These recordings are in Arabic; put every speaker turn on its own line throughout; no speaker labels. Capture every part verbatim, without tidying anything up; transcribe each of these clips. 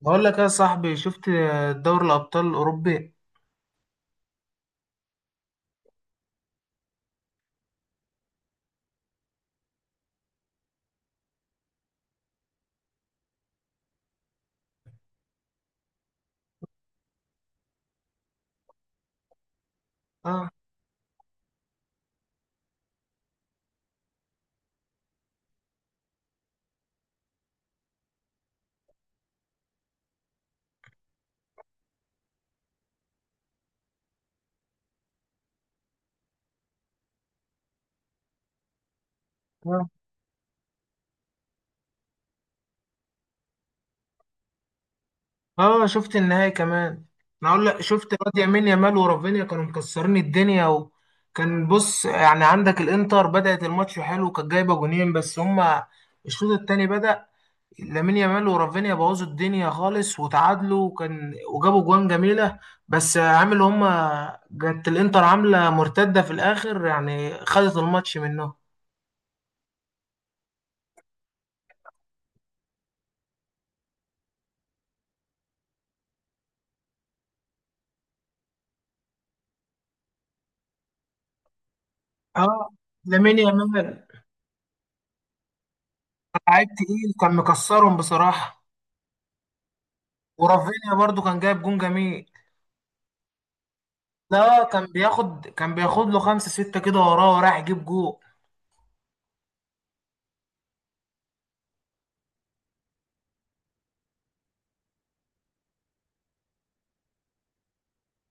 بقول لك يا صاحبي، شفت دوري الابطال الاوروبي. اه، اه، اه، شفت النهائي كمان. انا اقول لك، شفت الواد يمين يامال ورافينيا كانوا مكسرين الدنيا. وكان بص، يعني عندك الانتر بدأت الماتش حلو، كانت جايبه جونين. بس هما الشوط الثاني بدأ لامين يامال ورافينيا بوظوا الدنيا خالص وتعادلوا، وكان وجابوا جوان جميله. بس عامل هما جت الانتر عامله مرتده في الاخر، يعني خدت الماتش منهم. اه، لامين يامال لعيب تقيل، كان مكسرهم بصراحة. ورافينيا برضو كان جايب جون جميل. لا، كان بياخد كان بياخد له خمسة ستة كده وراه، وراح يجيب جون.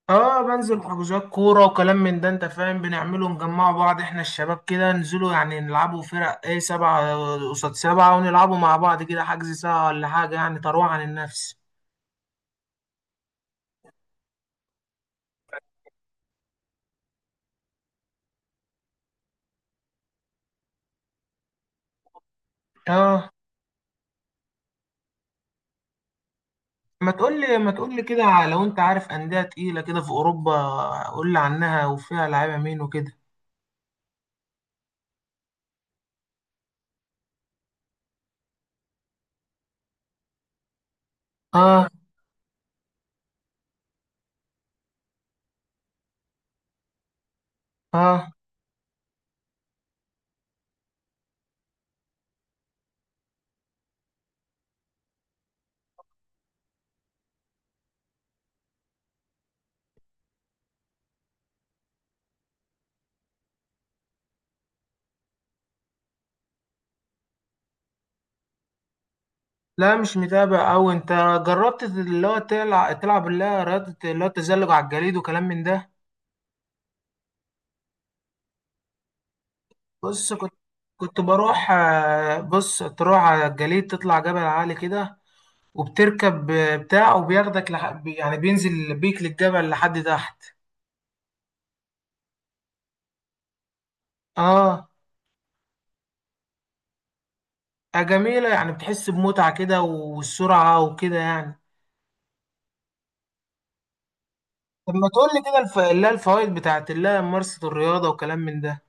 اه، بنزل حجوزات كورة وكلام من ده، انت فاهم، بنعمله نجمع بعض، احنا الشباب كده ننزلوا، يعني نلعبوا فرق، ايه، سبعة قصاد سبعة، ونلعبوا مع بعض كده، حجز ساعة ولا حاجة، يعني تروح عن النفس. اه، ما تقول لي ما تقول لي كده، لو انت عارف أندية تقيلة كده في أوروبا، قول لي عنها، وفيها لعيبة مين وكده. اه، اه، لا، مش متابع أوي. أنت جربت، اللي هو، تلعب تلعب اللي هي رياضة، اللي هو التزلج على الجليد وكلام من ده؟ بص، كنت كنت بروح، آه، بص، تروح على الجليد، تطلع جبل عالي كده، وبتركب آه، بتاع، وبياخدك لح... بي- يعني بينزل بيك للجبل لحد تحت. اه، آه، جميلة، يعني بتحس بمتعة كده والسرعة وكده يعني. طب، ما تقول لي كده الف... اللي هي الفوائد بتاعت اللي هي ممارسة الرياضة وكلام من ده.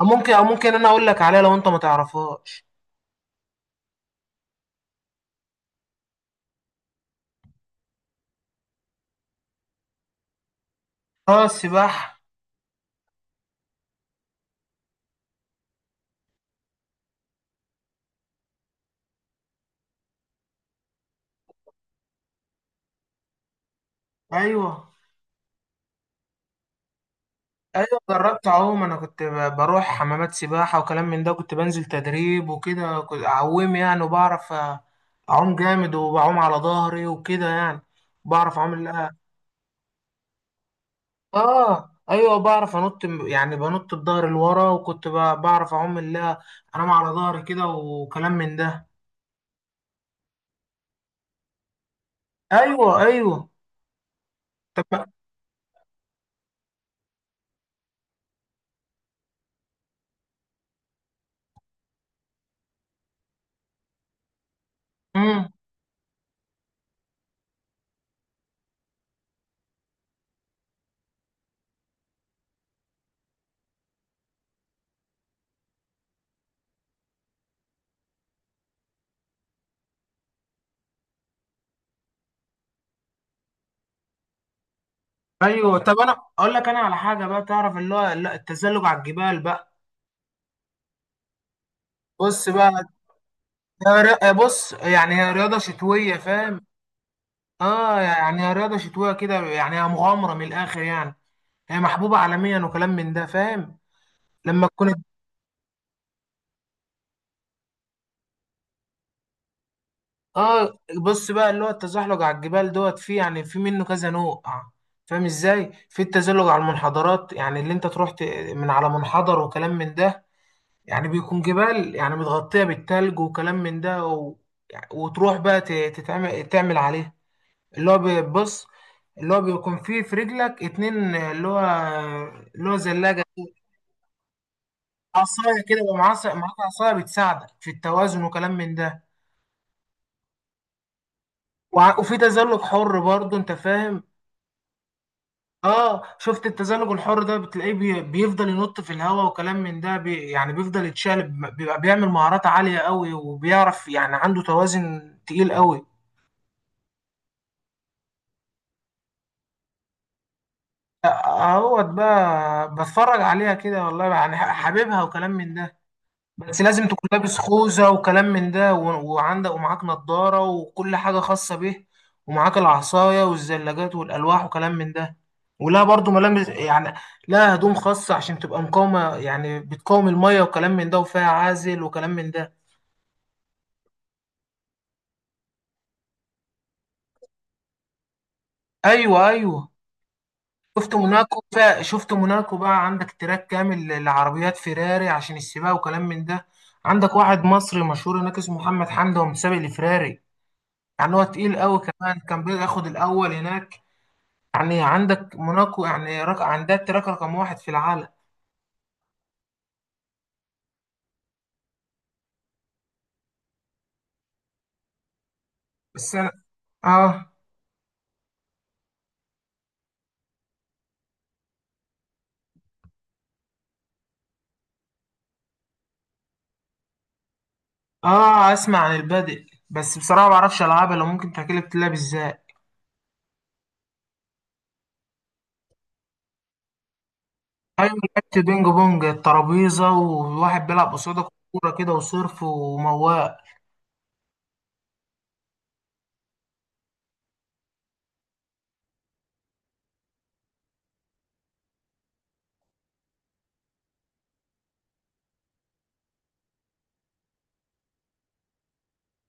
أو ممكن أو ممكن أنا أقول لك عليها لو أنت ما تعرفهاش. اه، السباحة. ايوه، ايوه، جربت اعوم. انا كنت ب- بروح حمامات سباحه وكلام من ده، كنت بنزل تدريب وكده، كنت اعوم يعني، وبعرف اعوم جامد، وبعوم على ظهري وكده يعني. بعرف اعوم، لا. اه، ايوه، بعرف انط م- يعني بنط بظهري لورا، وكنت ب- بعرف اعوم، لا، انام على ظهري كده وكلام من ده. ايوه، ايوه. طب. امم. ايوه. طب، انا اقول لك انا على حاجه بقى، تعرف اللي هو، لا، التزلج على الجبال بقى. بص بقى، هي ري- بص، يعني هي رياضة شتوية، فاهم؟ اه، يعني هي رياضة شتوية كده، يعني هي مغامرة من الآخر يعني. هي محبوبة عالميا وكلام من ده، فاهم؟ لما تكون، اه، بص بقى اللي هو التزحلق على الجبال دوت، فيه يعني في منه كذا نوع. فاهم ازاي؟ في التزحلق على المنحدرات، يعني اللي انت تروح ت- من على منحدر وكلام من ده. يعني بيكون جبال، يعني متغطية بالتلج وكلام من ده. و... يعني وتروح بقى ت- تتعمل تعمل عليه، اللي هو بيبص، اللي هو بيكون فيه في رجلك اتنين، اللي هو اللي هو زلاجة. عصاية كده، يبقى معاك معاك عصاية بتساعدك في التوازن وكلام من ده. وع- وفي تزلج حر برضه، انت فاهم؟ اه، شفت التزلج الحر ده، بتلاقيه بي- بيفضل ينط في الهواء وكلام من ده، بي يعني بيفضل يتشقلب، بيبقى بيعمل مهارات عالية قوي، وبيعرف يعني عنده توازن تقيل قوي. اهوت بقى بتفرج عليها كده، والله يعني ح- حاببها وكلام من ده. بس لازم تكون لابس خوذة وكلام من ده، و- وعندك ومعاك نضارة وكل حاجة خاصة به، ومعاك العصاية والزلاجات والألواح وكلام من ده، ولا برضو ملابس يعني. لا، هدوم خاصة عشان تبقى مقاومة، يعني بتقاوم المية وكلام من ده، وفيها عازل وكلام من ده. أيوة، أيوة. شفت موناكو فيها، شفت موناكو بقى، عندك تراك كامل لعربيات فيراري عشان السباق وكلام من ده. عندك واحد مصري مشهور هناك اسمه محمد حمدة، ومسابق لفيراري، يعني هو تقيل قوي كمان، كان بياخد الأول هناك. يعني عندك موناكو، يعني رق... عندها التراك رقم واحد في العالم. بس انا. اه. اه، اسمع عن البادئ، بس بصراحه ما بعرفش العبها. لو ممكن تحكي لي، بتلعب ازاي؟ ايوه، لعبت بينج بونج، الترابيزه وواحد بيلعب قصادك كوره كده وصرف ومواق.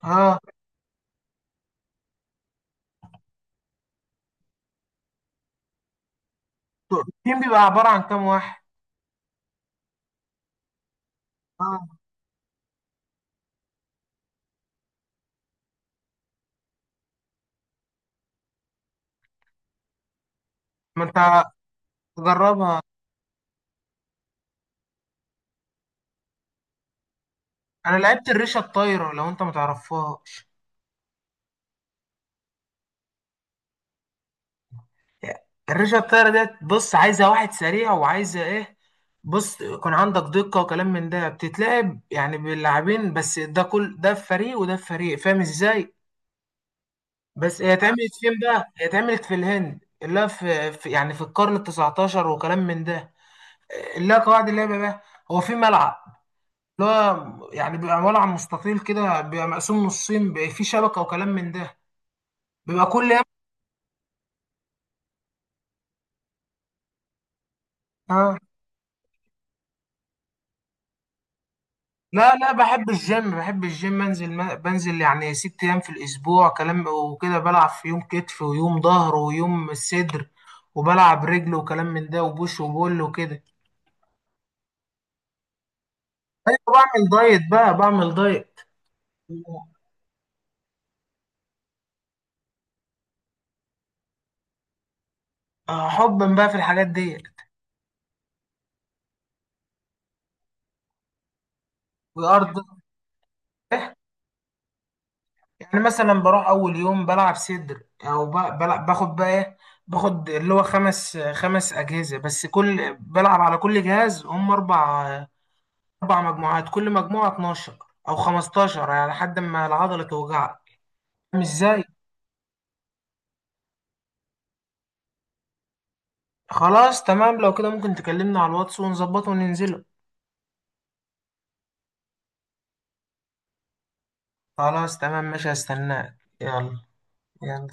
اه، التيم بيبقى عباره عن كام واحد؟ اه، ما انت جربها. انا لعبت الريشه الطايره، لو انت ما تعرفها. الريشه الطايره ديت، بص، عايزه واحد سريع، وعايزه ايه، بص، يكون عندك دقه وكلام من ده. بتتلعب يعني باللاعبين بس، ده كل ده في فريق وده في فريق، فاهم ازاي؟ بس هي اتعملت فين بقى، هي اتعملت في الهند، اللي هو في في- يعني في القرن التسعتاشر وكلام من ده. اللي هو قواعد اللعبه بقى، هو في ملعب، اللي هو يعني بيبقى ملعب مستطيل كده، بيبقى مقسوم نصين، بيبقى فيه شبكه وكلام من ده، بيبقى كل. اه، لا، لا، بحب الجيم بحب الجيم بنزل، ما بنزل يعني ست ايام في الاسبوع كلام وكده، بلعب في يوم كتف ويوم ظهر ويوم الصدر، وبلعب رجل وكلام من ده وبوش وبول وكده. ايوه، بعمل دايت بقى، بعمل دايت. آه، حبا بقى في الحاجات ديت. وارض. يعني مثلا بروح اول يوم بلعب صدر، او ب- بلعب، باخد بقى ايه، باخد اللي هو خمس خمس اجهزه بس، كل بلعب على كل جهاز هم اربع، أربع مجموعات، كل مجموعة اتناشر أو خمستاشر يعني، لحد ما العضلة توجعك. مش زي. خلاص، تمام. لو كده ممكن تكلمنا على الواتس ونظبطه وننزله. خلاص، تمام، ماشي، هستناك، يلا. يلا.